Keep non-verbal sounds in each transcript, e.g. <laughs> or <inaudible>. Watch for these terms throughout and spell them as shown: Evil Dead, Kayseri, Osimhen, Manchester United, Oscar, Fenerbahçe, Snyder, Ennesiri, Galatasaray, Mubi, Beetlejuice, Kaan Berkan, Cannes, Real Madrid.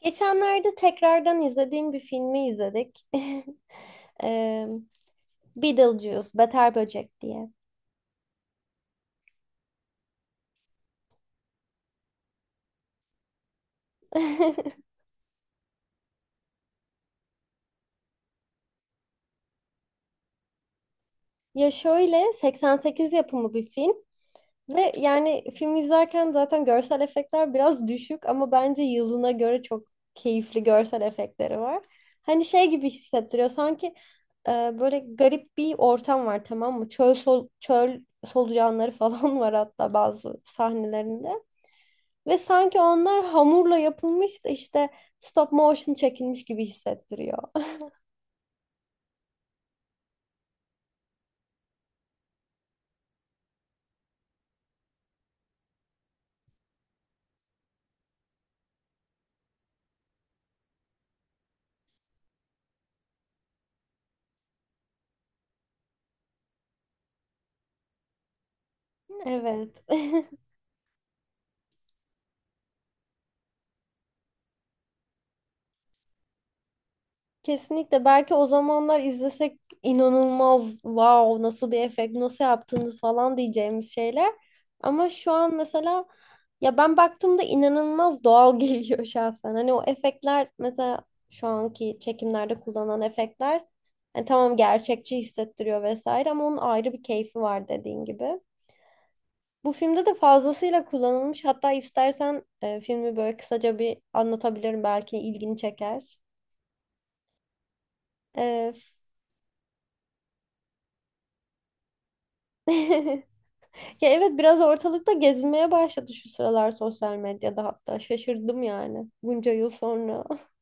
Geçenlerde tekrardan izlediğim bir filmi izledik. <laughs> Eee Beetlejuice, Beter Böcek diye. <laughs> Ya şöyle 88 yapımı bir film ve yani film izlerken zaten görsel efektler biraz düşük ama bence yılına göre çok keyifli görsel efektleri var. Hani şey gibi hissettiriyor sanki, e, böyle garip bir ortam var, tamam mı? Çöl solucanları falan <laughs> var hatta bazı sahnelerinde. Ve sanki onlar hamurla yapılmış da işte stop motion çekilmiş gibi hissettiriyor. Evet. <laughs> Kesinlikle. Belki o zamanlar izlesek inanılmaz wow, nasıl bir efekt, nasıl yaptınız falan diyeceğimiz şeyler. Ama şu an mesela ya ben baktığımda inanılmaz doğal <laughs> geliyor şahsen. Hani o efektler mesela şu anki çekimlerde kullanılan efektler, yani tamam, gerçekçi hissettiriyor vesaire ama onun ayrı bir keyfi var dediğin gibi. Bu filmde de fazlasıyla kullanılmış. Hatta istersen filmi böyle kısaca bir anlatabilirim. Belki ilgini çeker. E, <laughs> Ya evet, biraz ortalıkta gezinmeye başladı şu sıralar sosyal medyada hatta. Şaşırdım yani bunca yıl sonra. <laughs>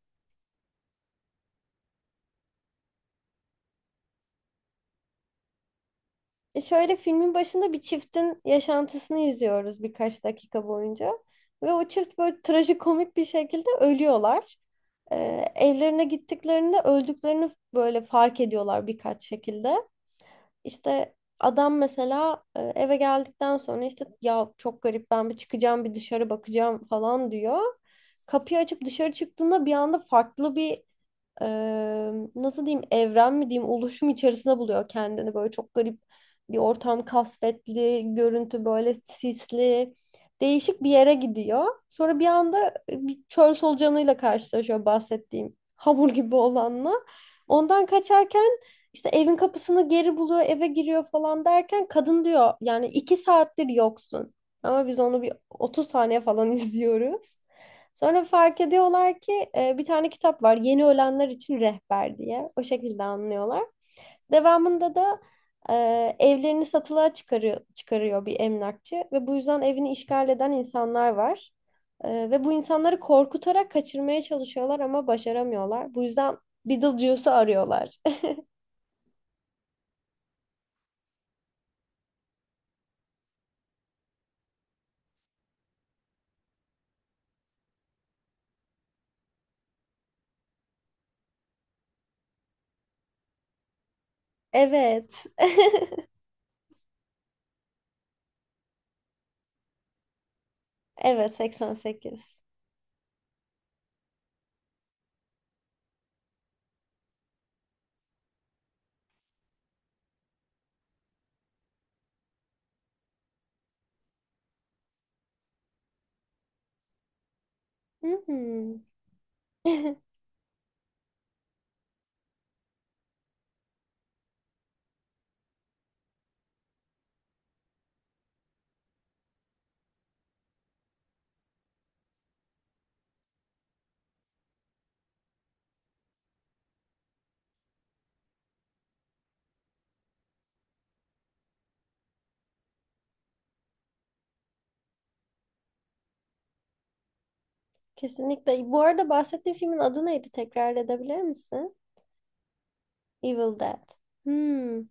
Şöyle filmin başında bir çiftin yaşantısını izliyoruz birkaç dakika boyunca. Ve o çift böyle trajikomik bir şekilde ölüyorlar. E, Evlerine gittiklerinde öldüklerini böyle fark ediyorlar birkaç şekilde. İşte adam mesela eve geldikten sonra işte ya çok garip, ben bir çıkacağım, bir dışarı bakacağım falan diyor. Kapıyı açıp dışarı çıktığında bir anda farklı bir, e, nasıl diyeyim, evren mi diyeyim oluşum içerisinde buluyor kendini, böyle çok garip bir ortam, kasvetli görüntü, böyle sisli, değişik bir yere gidiyor. Sonra bir anda bir çöl solucanıyla karşılaşıyor, bahsettiğim <laughs> hamur gibi olanla. Ondan kaçarken işte evin kapısını geri buluyor, eve giriyor falan derken kadın diyor yani iki saattir yoksun. Ama biz onu bir 30 saniye falan <laughs> izliyoruz. Sonra fark ediyorlar ki bir tane kitap var, Yeni Ölenler için Rehber diye. O şekilde anlıyorlar. Devamında da evlerini satılığa çıkarıyor bir emlakçı ve bu yüzden evini işgal eden insanlar var. Ve bu insanları korkutarak kaçırmaya çalışıyorlar ama başaramıyorlar. Bu yüzden Beetlejuice'u arıyorlar. <laughs> Evet. <laughs> Evet, 88. Hmm. <laughs> Kesinlikle. Bu arada bahsettiğin filmin adı neydi? Tekrar edebilir misin? Evil Dead. Hmm.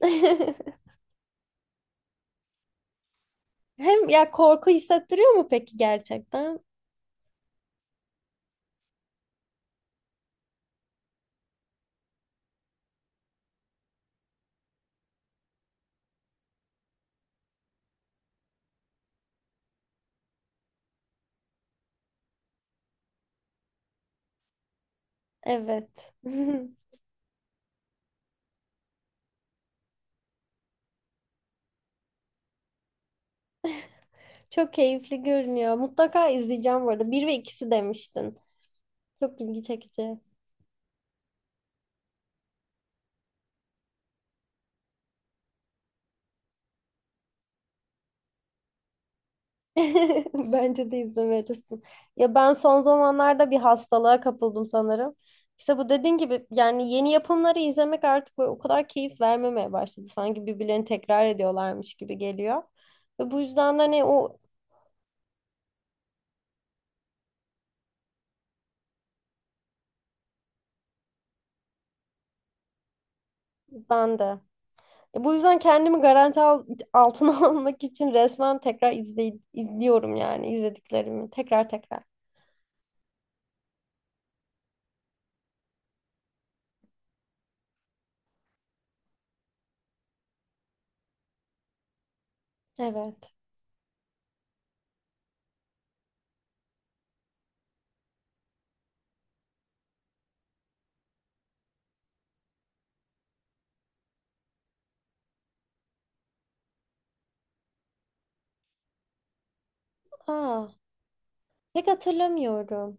<laughs> Hem ya korku hissettiriyor mu peki gerçekten? Evet. <laughs> Çok keyifli görünüyor. Mutlaka izleyeceğim bu arada. Bir ve ikisi demiştin. Çok ilgi çekici. <laughs> Bence de izlemelisin. Ya ben son zamanlarda bir hastalığa kapıldım sanırım. İşte bu dediğin gibi, yani yeni yapımları izlemek artık böyle o kadar keyif vermemeye başladı. Sanki birbirlerini tekrar ediyorlarmış gibi geliyor. Ve bu yüzden de hani o bende. Bu yüzden kendimi altına <laughs> almak için resmen tekrar izliyorum, yani izlediklerimi tekrar tekrar. Evet. Aa, pek hatırlamıyorum.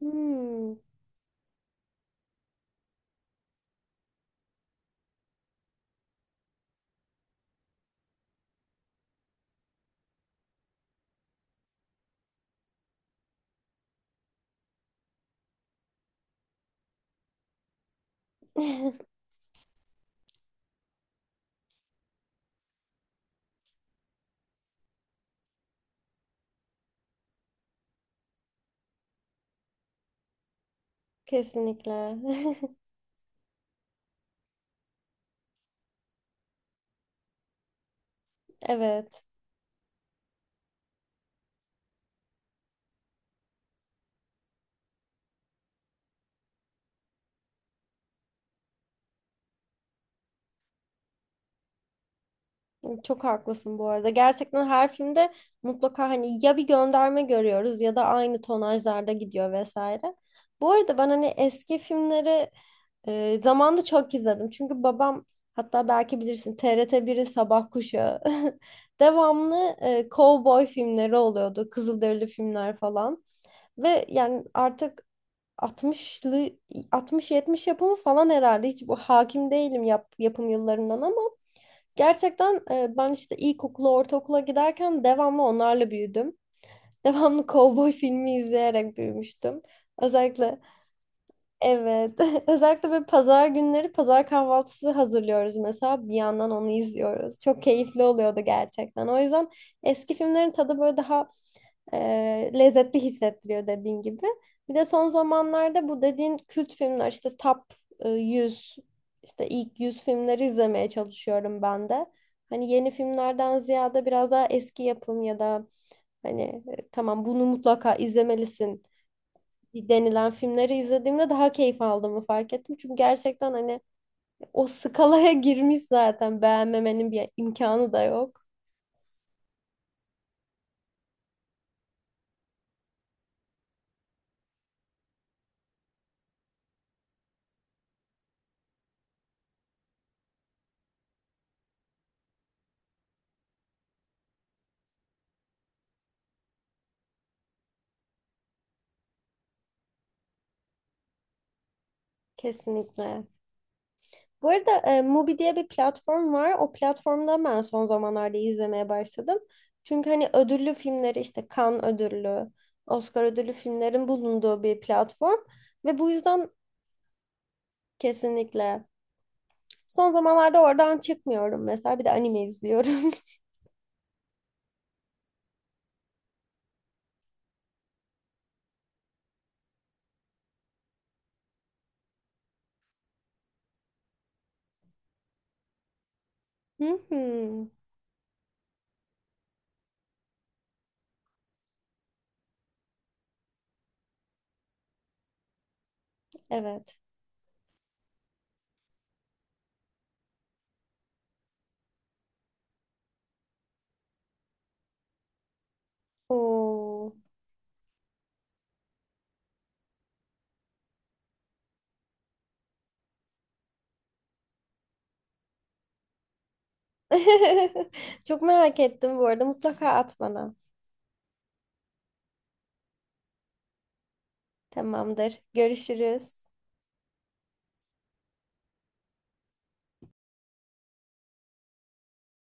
Hmm. <laughs> Kesinlikle. <laughs> Evet. Çok haklısın bu arada. Gerçekten her filmde mutlaka hani ya bir gönderme görüyoruz ya da aynı tonajlarda gidiyor vesaire. Bu arada ben hani eski filmleri zamanında çok izledim. Çünkü babam, hatta belki bilirsin, TRT 1'in Sabah Kuşağı <laughs> devamlı kovboy filmleri oluyordu. Kızılderili filmler falan. Ve yani artık 60'lı, 60-70 yapımı falan herhalde. Hiç bu hakim değilim, yapım yıllarından ama gerçekten ben işte ilkokula, ortaokula giderken devamlı onlarla büyüdüm. <laughs> Devamlı kovboy filmi izleyerek büyümüştüm. Özellikle. Evet. <laughs> Özellikle böyle pazar günleri pazar kahvaltısı hazırlıyoruz mesela. Bir yandan onu izliyoruz. Çok keyifli oluyordu gerçekten. O yüzden eski filmlerin tadı böyle daha, e, lezzetli hissettiriyor dediğin gibi. Bir de son zamanlarda bu dediğin kült filmler, işte top 100, işte ilk 100 filmleri izlemeye çalışıyorum ben de. Hani yeni filmlerden ziyade biraz daha eski yapım ya da hani tamam bunu mutlaka izlemelisin denilen filmleri izlediğimde daha keyif aldığımı fark ettim. Çünkü gerçekten hani o skalaya girmiş, zaten beğenmemenin bir imkanı da yok. Kesinlikle. Bu arada Mubi diye bir platform var. O platformda ben son zamanlarda izlemeye başladım. Çünkü hani ödüllü filmleri, işte Cannes ödüllü, Oscar ödüllü filmlerin bulunduğu bir platform. Ve bu yüzden kesinlikle. Son zamanlarda oradan çıkmıyorum mesela. Bir de anime izliyorum. <laughs> Hı hı. Evet. Oo. <laughs> Çok merak ettim bu arada. Mutlaka at bana. Tamamdır. Görüşürüz.